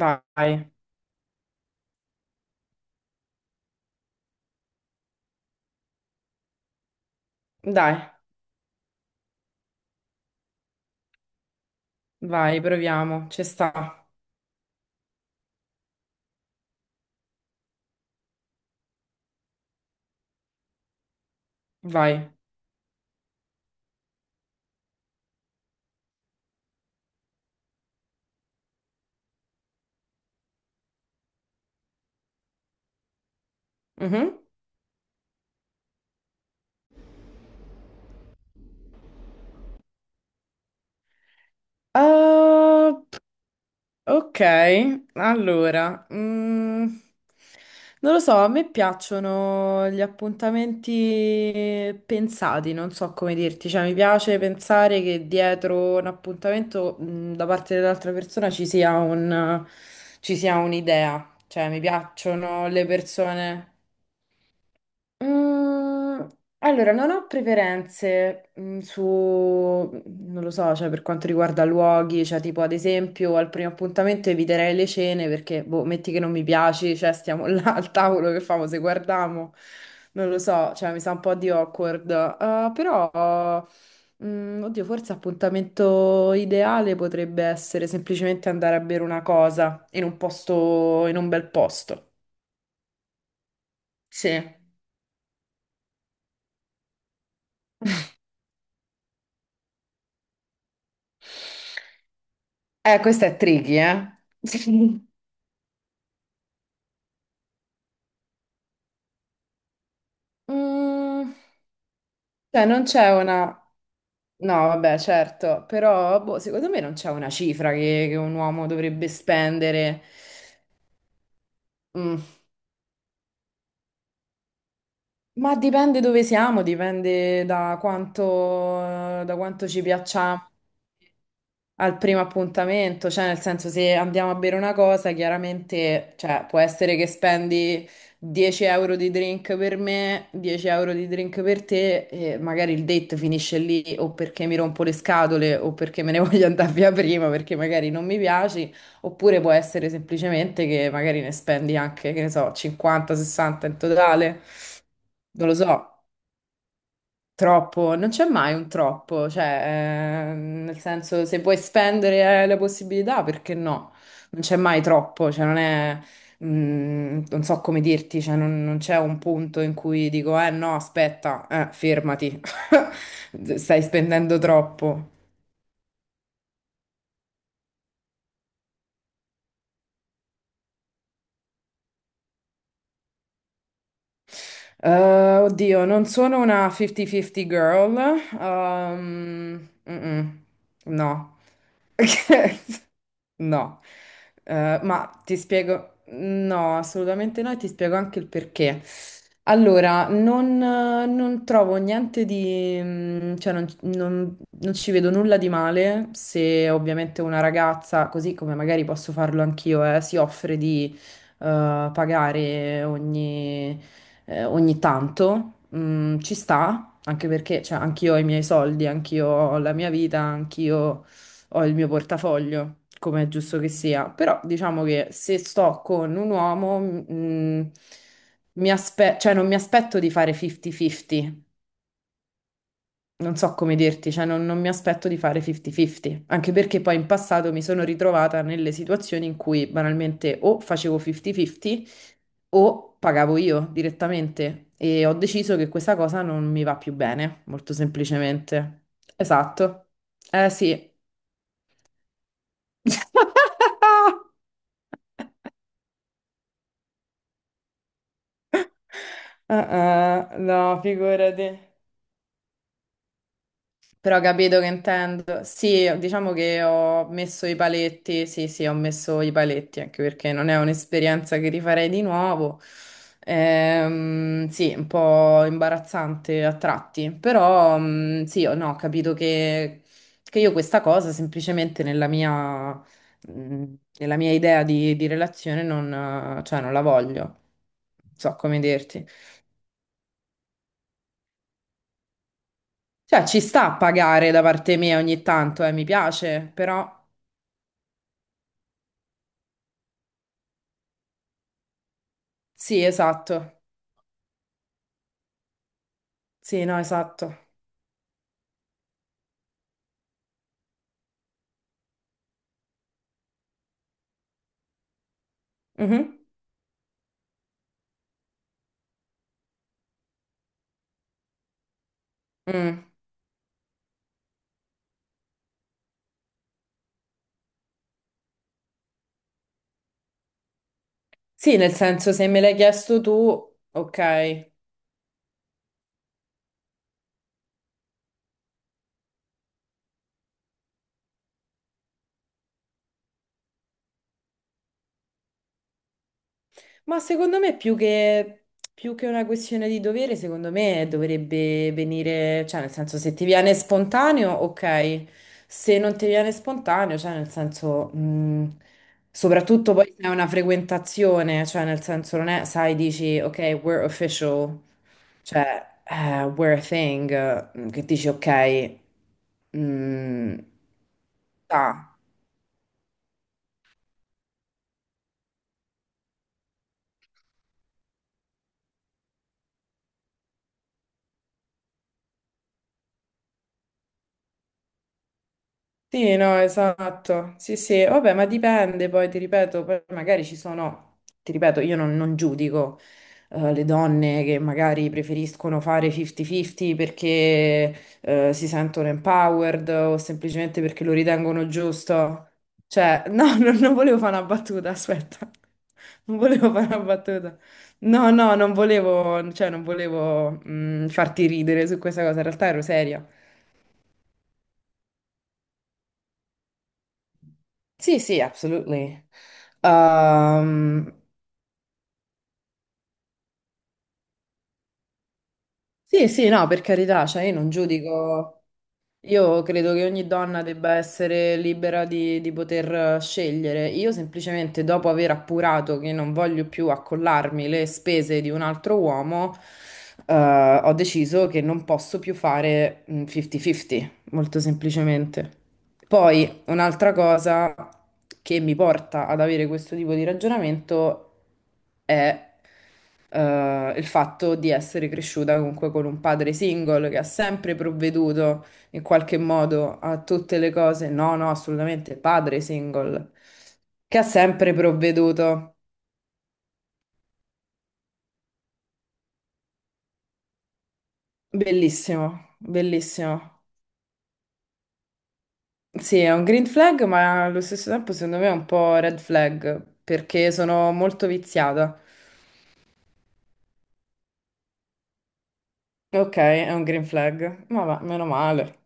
Vai, dai, vai, proviamo, ci sta, vai. Mhm. Ah, ok, allora, non lo so, a me piacciono gli appuntamenti pensati, non so come dirti, cioè mi piace pensare che dietro un appuntamento, da parte dell'altra persona ci sia un'idea, cioè mi piacciono le persone. Mm, allora, non ho preferenze su, non lo so, cioè per quanto riguarda luoghi, cioè tipo ad esempio al primo appuntamento eviterei le cene perché, boh, metti che non mi piaci, cioè stiamo là al tavolo, che famo se guardiamo? Non lo so, cioè mi sa un po' di awkward. Però, oddio, forse appuntamento ideale potrebbe essere semplicemente andare a bere una cosa in un posto, in un bel posto. Sì. Questa è tricky, eh? Mm. Cioè, non c'è una... No, vabbè, certo, però boh, secondo me non c'è una cifra che un uomo dovrebbe spendere. Mm. Ma dipende dove siamo, dipende da quanto ci piacciamo. Al primo appuntamento, cioè nel senso se andiamo a bere una cosa, chiaramente, cioè, può essere che spendi 10 euro di drink per me, 10 euro di drink per te e magari il date finisce lì o perché mi rompo le scatole o perché me ne voglio andare via prima perché magari non mi piaci, oppure può essere semplicemente che magari ne spendi anche, che ne so, 50, 60 in totale, non lo so. Troppo, non c'è mai un troppo, cioè, nel senso, se vuoi spendere le possibilità, perché no? Non c'è mai troppo, cioè, non è, non so come dirti, cioè, non c'è un punto in cui dico, eh no, aspetta, fermati, stai spendendo troppo. Eh, oddio, non sono una 50-50 girl, mm-mm, no. No. Ma ti spiego, no, assolutamente no, e ti spiego anche il perché. Allora, non trovo niente di, cioè non ci vedo nulla di male se ovviamente una ragazza, così come magari posso farlo anch'io, si offre di pagare ogni tanto, ci sta, anche perché cioè, anch'io ho i miei soldi, anch'io ho la mia vita, anch'io ho il mio portafoglio, come è giusto che sia, però diciamo che se sto con un uomo, cioè non mi aspetto di fare 50-50, non so come dirti, cioè non mi aspetto di fare 50-50, anche perché poi in passato mi sono ritrovata nelle situazioni in cui banalmente o facevo 50-50 o pagavo io direttamente e ho deciso che questa cosa non mi va più bene, molto semplicemente. Esatto. Eh sì. Ah, ah, no, figurati. Però capito che intendo. Sì, diciamo che ho messo i paletti, sì, sì, ho messo i paletti, anche perché non è un'esperienza che rifarei di nuovo. Sì, un po' imbarazzante a tratti, però sì, o no, ho capito che io questa cosa semplicemente mm, nella mia idea di relazione non, cioè, non la voglio. Non so come dirti. Cioè, ci sta a pagare da parte mia ogni tanto, mi piace, però sì, esatto. Sì, no, esatto. Mhm. Mm. Sì, nel senso, se me l'hai chiesto tu, ok. Ma secondo me più che una questione di dovere, secondo me dovrebbe venire, cioè, nel senso, se ti viene spontaneo, ok. Se non ti viene spontaneo, cioè, nel senso, soprattutto poi se è una frequentazione, cioè, nel senso, non è, sai, dici, ok, we're official. Cioè, We're a Thing, che dici, ok, mm, sta. Sì, no, esatto. Sì, sì, vabbè, ma dipende poi, ti ripeto, poi magari ci sono, ti ripeto, io non giudico le donne che magari preferiscono fare 50-50 perché si sentono empowered o semplicemente perché lo ritengono giusto. Cioè, no, non volevo fare una battuta, aspetta. Non volevo fare una battuta. No, no, non volevo, cioè, non volevo farti ridere su questa cosa, in realtà ero seria. Sì, sì, absolutely. Ehm, sì, sì, no, per carità, cioè io non giudico. Io credo che ogni donna debba essere libera di poter scegliere. Io semplicemente dopo aver appurato che non voglio più accollarmi le spese di un altro uomo, eh, ho deciso che non posso più fare 50-50, molto semplicemente. Poi un'altra cosa che mi porta ad avere questo tipo di ragionamento è il fatto di essere cresciuta comunque con un padre single che ha sempre provveduto in qualche modo a tutte le cose. No, no, assolutamente, padre single, che ha sempre provveduto. Bellissimo, bellissimo. Sì, è un green flag, ma allo stesso tempo secondo me è un po' red flag, perché sono molto viziata. Ok, è un green flag, ma va, meno male.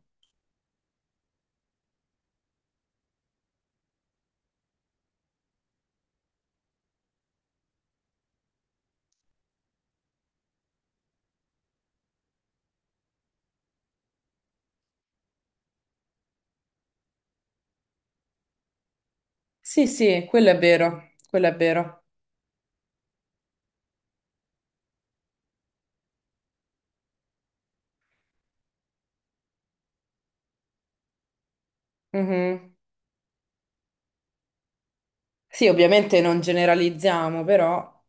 Sì, sì, quello è vero, quello è vero. Mhm. Sì, ovviamente non generalizziamo, però...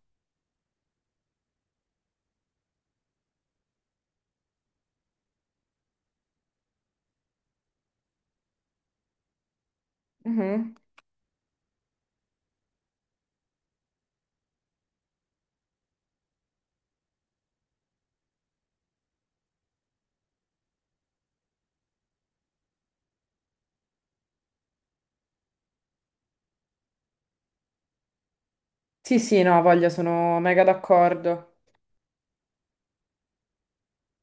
Mhm. Sì, sì, no, voglia, sono mega d'accordo.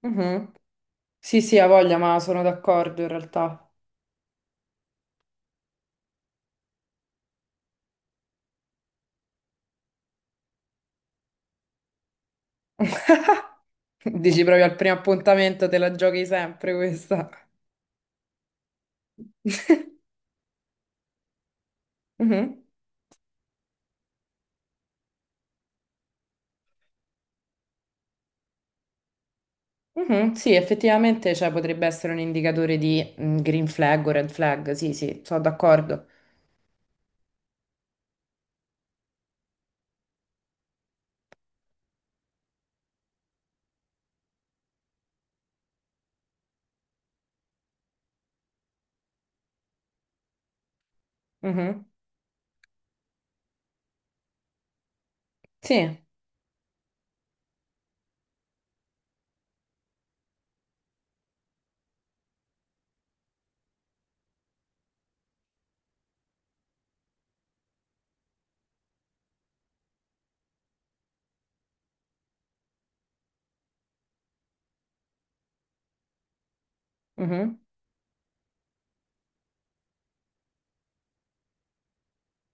Mhm. Sì, sì, ha voglia, ma sono d'accordo in realtà. Dici proprio al primo appuntamento te la giochi sempre questa. Mhm, mhm, sì, effettivamente, cioè, potrebbe essere un indicatore di green flag o red flag. Sì, sì, sono d'accordo. Mhm, Sì. Mhm.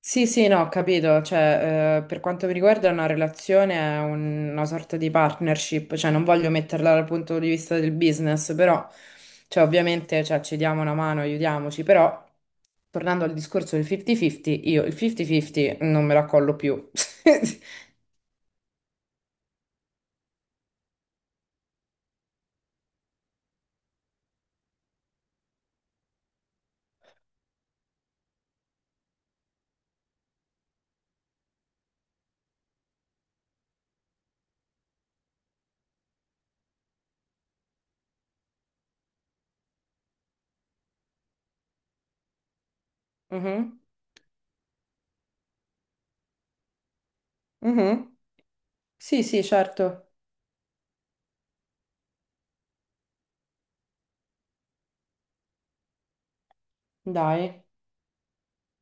Sì, sì, no, ho capito, cioè, per quanto mi riguarda una relazione è una sorta di partnership, cioè non voglio metterla dal punto di vista del business, però, cioè, ovviamente, cioè, ci diamo una mano, aiutiamoci, però, tornando al discorso del 50-50, io il 50-50 non me la collo più. Mhm, mhm. Sì, sì, certo, dai.